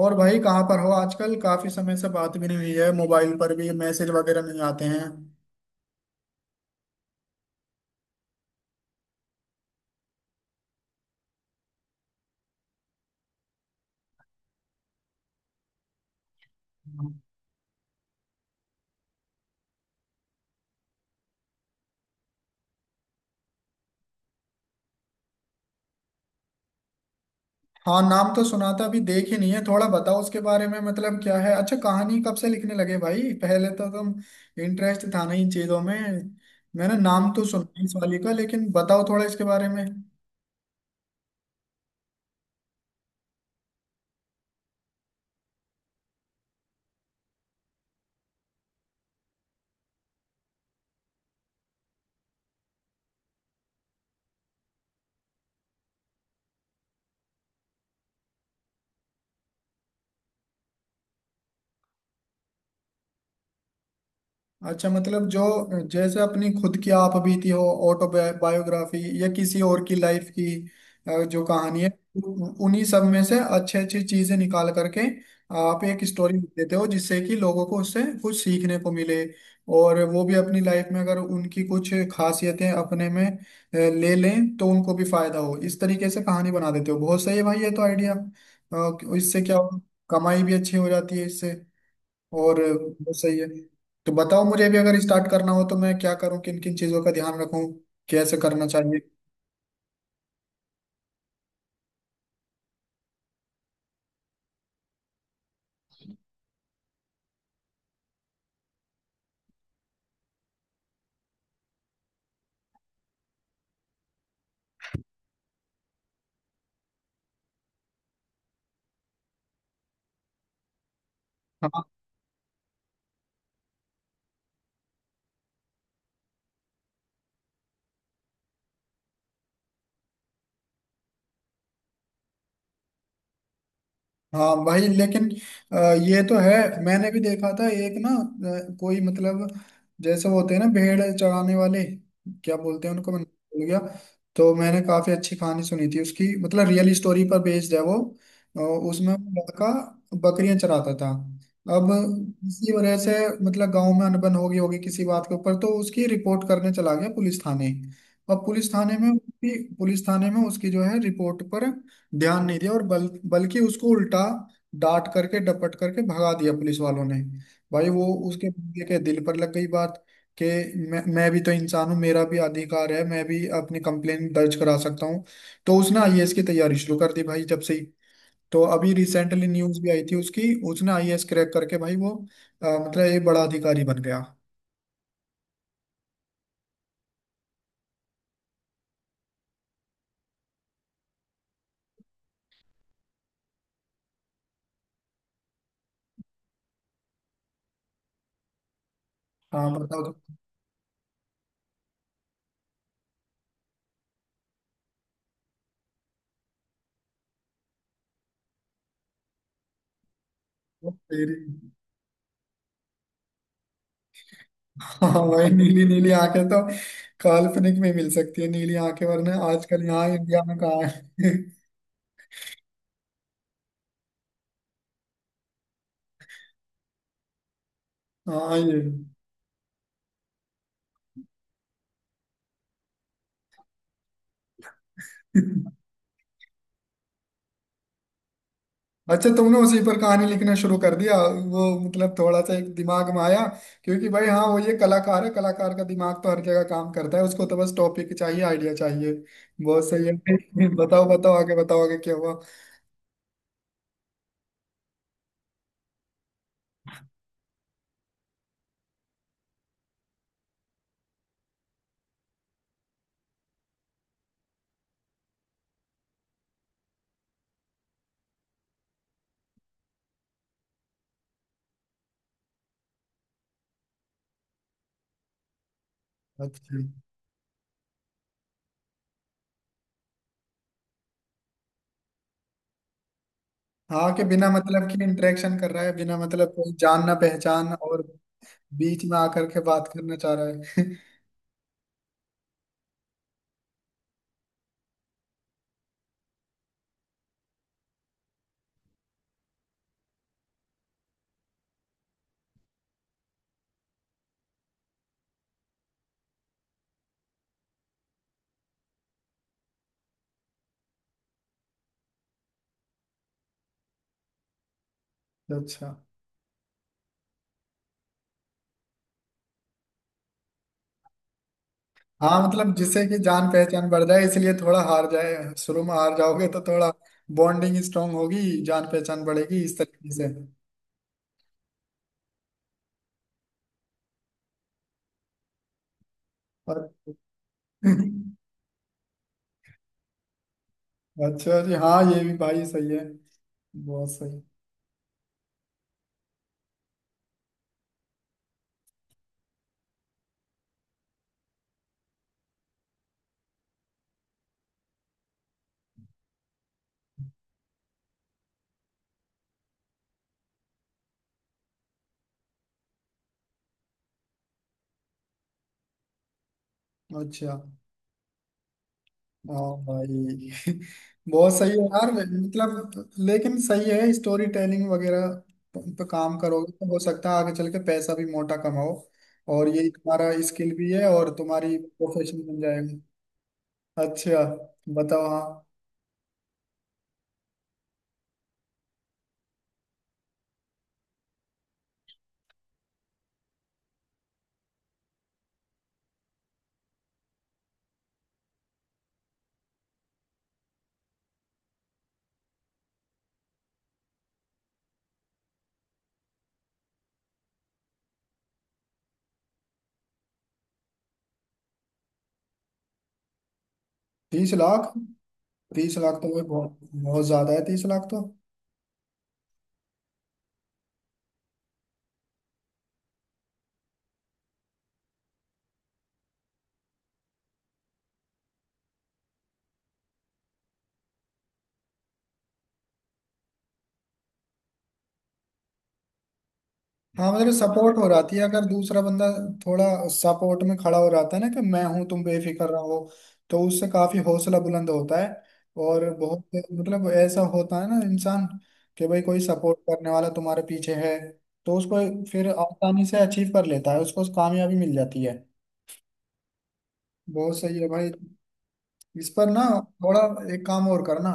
और भाई, कहाँ पर हो? आजकल काफी समय से बात भी नहीं हुई है, मोबाइल पर भी मैसेज वगैरह नहीं आते हैं। हाँ, नाम तो सुना था, अभी देख ही नहीं है। थोड़ा बताओ उसके बारे में, मतलब क्या है? अच्छा, कहानी कब से लिखने लगे भाई? पहले तो तुम इंटरेस्ट था नहीं इन चीजों में। मैंने नाम तो सुना है इस वाली का, लेकिन बताओ थोड़ा इसके बारे में। अच्छा, मतलब जो जैसे अपनी खुद की आप बीती हो, ऑटोबायोग्राफी या किसी और की लाइफ की, जो कहानी है। उन्हीं सब में से अच्छी अच्छी चीजें निकाल करके आप एक स्टोरी लिख देते हो, जिससे कि लोगों को उससे कुछ सीखने को मिले। और वो भी अपनी लाइफ में, अगर उनकी कुछ खासियतें अपने में ले लें, तो उनको भी फायदा हो। इस तरीके से कहानी बना देते हो, बहुत सही है भाई ये तो आइडिया। इससे क्या होगा? कमाई भी अच्छी हो जाती है इससे। और वो सही है। तो बताओ, मुझे भी अगर स्टार्ट करना हो तो मैं क्या करूं, किन किन चीजों का ध्यान रखूं, कैसे करना चाहिए? हाँ। हाँ भाई, लेकिन अ, ये तो है। मैंने भी देखा था एक ना, कोई मतलब, जैसे वो होते हैं ना भेड़ चराने वाले, क्या बोलते हैं उनको, मैं भूल गया। तो मैंने काफी अच्छी कहानी सुनी थी उसकी, मतलब रियल स्टोरी पर बेस्ड है वो। उसमें वो लड़का बकरियां चराता था। अब इसी वजह से, मतलब गांव में अनबन हो गई होगी किसी बात के ऊपर, तो उसकी रिपोर्ट करने चला गया पुलिस थाने। अब पुलिस थाने में उसकी जो है रिपोर्ट पर ध्यान नहीं दिया, और बल बल्कि उसको उल्टा डांट करके डपट करके भगा दिया पुलिस वालों ने। भाई वो उसके बंदे के दिल पर लग गई बात, कि मैं भी तो इंसान हूँ, मेरा भी अधिकार है, मैं भी अपनी कंप्लेंट दर्ज करा सकता हूँ। तो उसने आईएएस की तैयारी शुरू कर दी भाई जब से ही। तो अभी रिसेंटली न्यूज़ भी आई थी उसकी, उसने आईएएस क्रैक करके भाई वो मतलब एक बड़ा अधिकारी बन गया। हाँ बताओ तो। तेरी… हाँ वही, नीली नीली आंखें तो काल्पनिक में मिल सकती है नीली आंखें, वरना आजकल यहाँ इंडिया में कहाँ है? हाँ ये। अच्छा, तुमने उसी पर कहानी लिखना शुरू कर दिया, वो मतलब थोड़ा सा एक दिमाग में आया। क्योंकि भाई हाँ वो ये कलाकार है, कलाकार का दिमाग तो हर जगह काम करता है, उसको तो बस टॉपिक चाहिए, आइडिया चाहिए। बहुत सही है। बताओ, बताओ आगे, बताओ आगे क्या हुआ? अच्छा। हाँ, कि बिना मतलब की इंटरेक्शन कर रहा है, बिना मतलब कोई जान ना पहचान, और बीच में आकर के बात करना चाह रहा है। अच्छा। हाँ मतलब जिससे कि जान पहचान बढ़ जाए, इसलिए थोड़ा हार जाए, शुरू में हार जाओगे तो थोड़ा बॉन्डिंग स्ट्रांग होगी, जान पहचान बढ़ेगी, इस तरीके से। और अच्छा जी, हाँ ये भी भाई सही है, बहुत सही। अच्छा। हाँ भाई। बहुत सही है यार, मतलब लेकिन सही है। स्टोरी टेलिंग वगैरह पे काम करोगे तो हो सकता है आगे चल के पैसा भी मोटा कमाओ। और ये तुम्हारा स्किल भी है, और तुम्हारी प्रोफेशन बन जाएगा। अच्छा, बताओ हाँ। 30 लाख? 30 लाख तो भाई बहुत बहुत ज्यादा है, 30 लाख तो। हाँ मतलब सपोर्ट हो जाती है, अगर दूसरा बंदा थोड़ा सपोर्ट में खड़ा हो जाता है ना कि मैं हूं, तुम बेफिक्र रहो, तो उससे काफी हौसला बुलंद होता है। और बहुत मतलब ऐसा होता है ना इंसान, कि भाई कोई सपोर्ट करने वाला तुम्हारे पीछे है, तो उसको फिर आसानी से अचीव कर लेता है, उसको कामयाबी मिल जाती है। बहुत सही है भाई। इस पर ना थोड़ा एक काम और करना।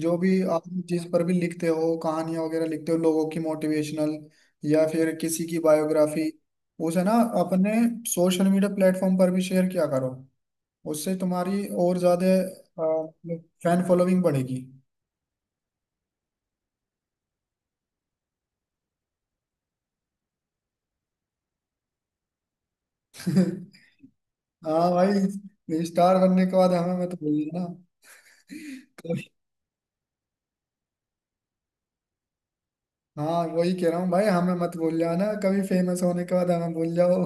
जो भी आप जिस पर भी लिखते हो, कहानियां वगैरह लिखते हो लोगों की मोटिवेशनल, या फिर किसी की बायोग्राफी, उसे ना अपने सोशल मीडिया प्लेटफॉर्म पर भी शेयर किया करो। उससे तुम्हारी और ज्यादा फैन फॉलोइंग बढ़ेगी। हाँ भाई, स्टार बनने के बाद हमें मत भूल जाना कभी- हाँ वही कह रहा हूँ भाई, हमें मत भूल जाना कभी, फेमस होने के बाद हमें भूल जाओ।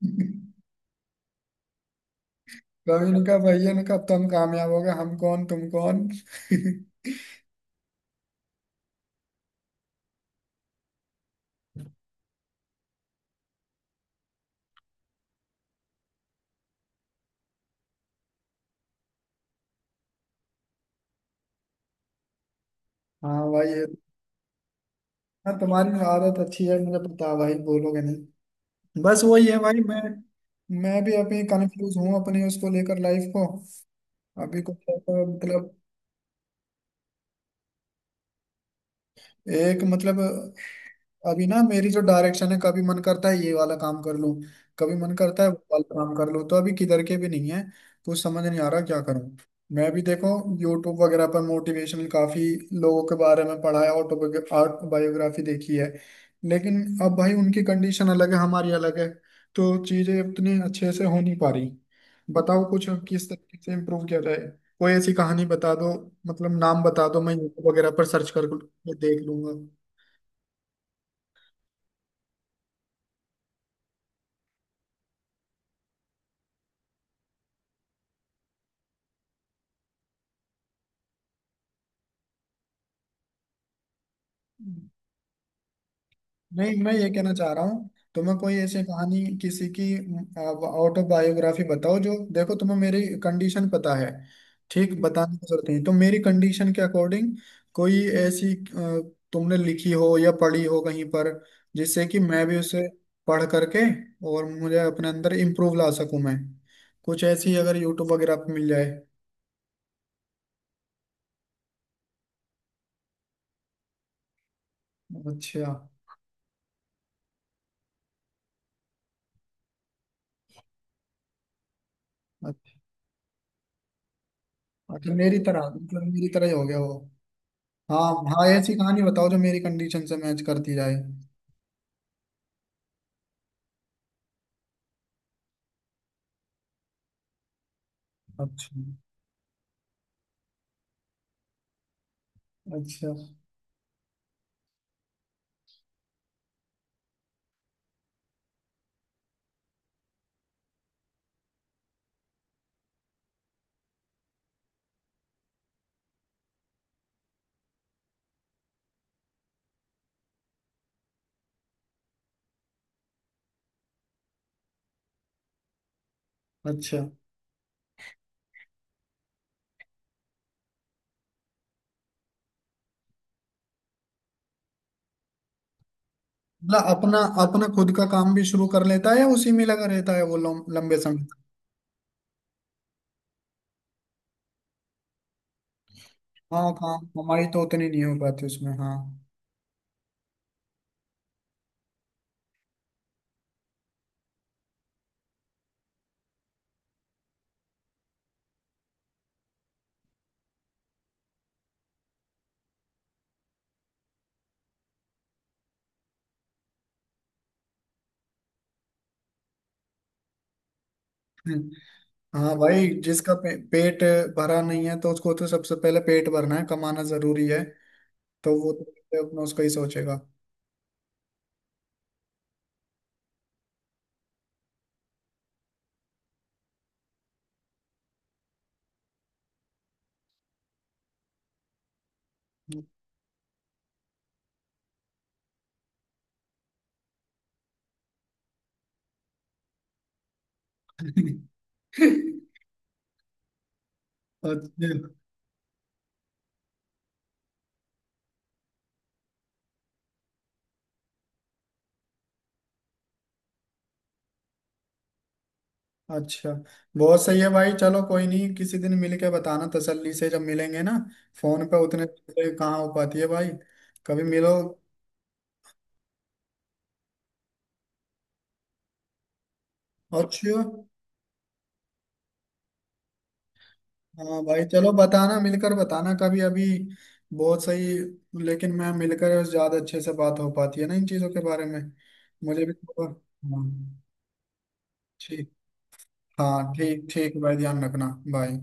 तो इनका भाई इनका, तुम कामयाब हो गए, हम कौन तुम कौन। हाँ भाई ये। हाँ तुम्हारी आदत अच्छी है, मुझे पता है भाई, बोलोगे नहीं। बस वही है भाई, मैं भी अभी कंफ्यूज हूँ अपनी, उसको लेकर लाइफ को। अभी कुछ ऐसा मतलब, एक मतलब, अभी ना मेरी जो डायरेक्शन है, कभी मन करता है ये वाला काम कर लूं, कभी मन करता है वो वाला काम कर लूं, तो अभी किधर के भी नहीं है, कुछ समझ नहीं आ रहा क्या करूं। मैं भी देखो, यूट्यूब वगैरह पर मोटिवेशनल काफी लोगों के बारे में पढ़ा है, ऑटो बायोग्राफी देखी है, लेकिन अब भाई उनकी कंडीशन अलग है, हमारी अलग है, तो चीजें उतनी अच्छे से हो नहीं पा रही। बताओ कुछ, किस तरीके से इम्प्रूव किया जाए, कोई ऐसी कहानी बता दो, मतलब नाम बता दो, मैं यूट्यूब वगैरह पर सर्च कर देख लूंगा। नहीं, मैं ये कहना चाह रहा हूँ, तुम्हें कोई ऐसी कहानी किसी की ऑटोबायोग्राफी बताओ जो, देखो तुम्हें मेरी कंडीशन पता है, ठीक बताने की जरूरत नहीं, तो मेरी कंडीशन के अकॉर्डिंग कोई ऐसी तुमने लिखी हो या पढ़ी हो कहीं पर, जिससे कि मैं भी उसे पढ़ करके, और मुझे अपने अंदर इम्प्रूव ला सकूं मैं, कुछ ऐसी अगर यूट्यूब वगैरह पे मिल जाए। अच्छा। अच्छा। अच्छा, मेरी तरह मतलब, मेरी तरह ही हो गया वो। हाँ। हाँ, ऐसी कहानी बताओ जो मेरी कंडीशन से मैच करती जाए। अच्छा। अच्छा। अच्छा, मतलब अपना, अपना खुद का काम भी शुरू कर लेता है, या उसी में लगा रहता है वो लंबे समय तक? हाँ, काम कमाई तो उतनी नहीं हो पाती उसमें, हाँ। हम्म। हाँ भाई, जिसका पेट भरा नहीं है तो उसको तो सबसे पहले पेट भरना है, कमाना जरूरी है, तो वो तो अपना उसका ही सोचेगा। अच्छा। अच्छा। बहुत सही है भाई, चलो कोई नहीं, किसी दिन मिल के बताना तसल्ली से, जब मिलेंगे ना। फोन पे उतने से कहाँ हो पाती है भाई, कभी मिलो। अच्छा। हाँ भाई, चलो बताना, मिलकर बताना कभी, अभी बहुत सही। लेकिन मैं मिलकर ज्यादा अच्छे से बात हो पाती है ना इन चीजों के बारे में, मुझे भी थोड़ा। हाँ ठीक। हाँ ठीक, ठीक भाई, ध्यान रखना। बाय।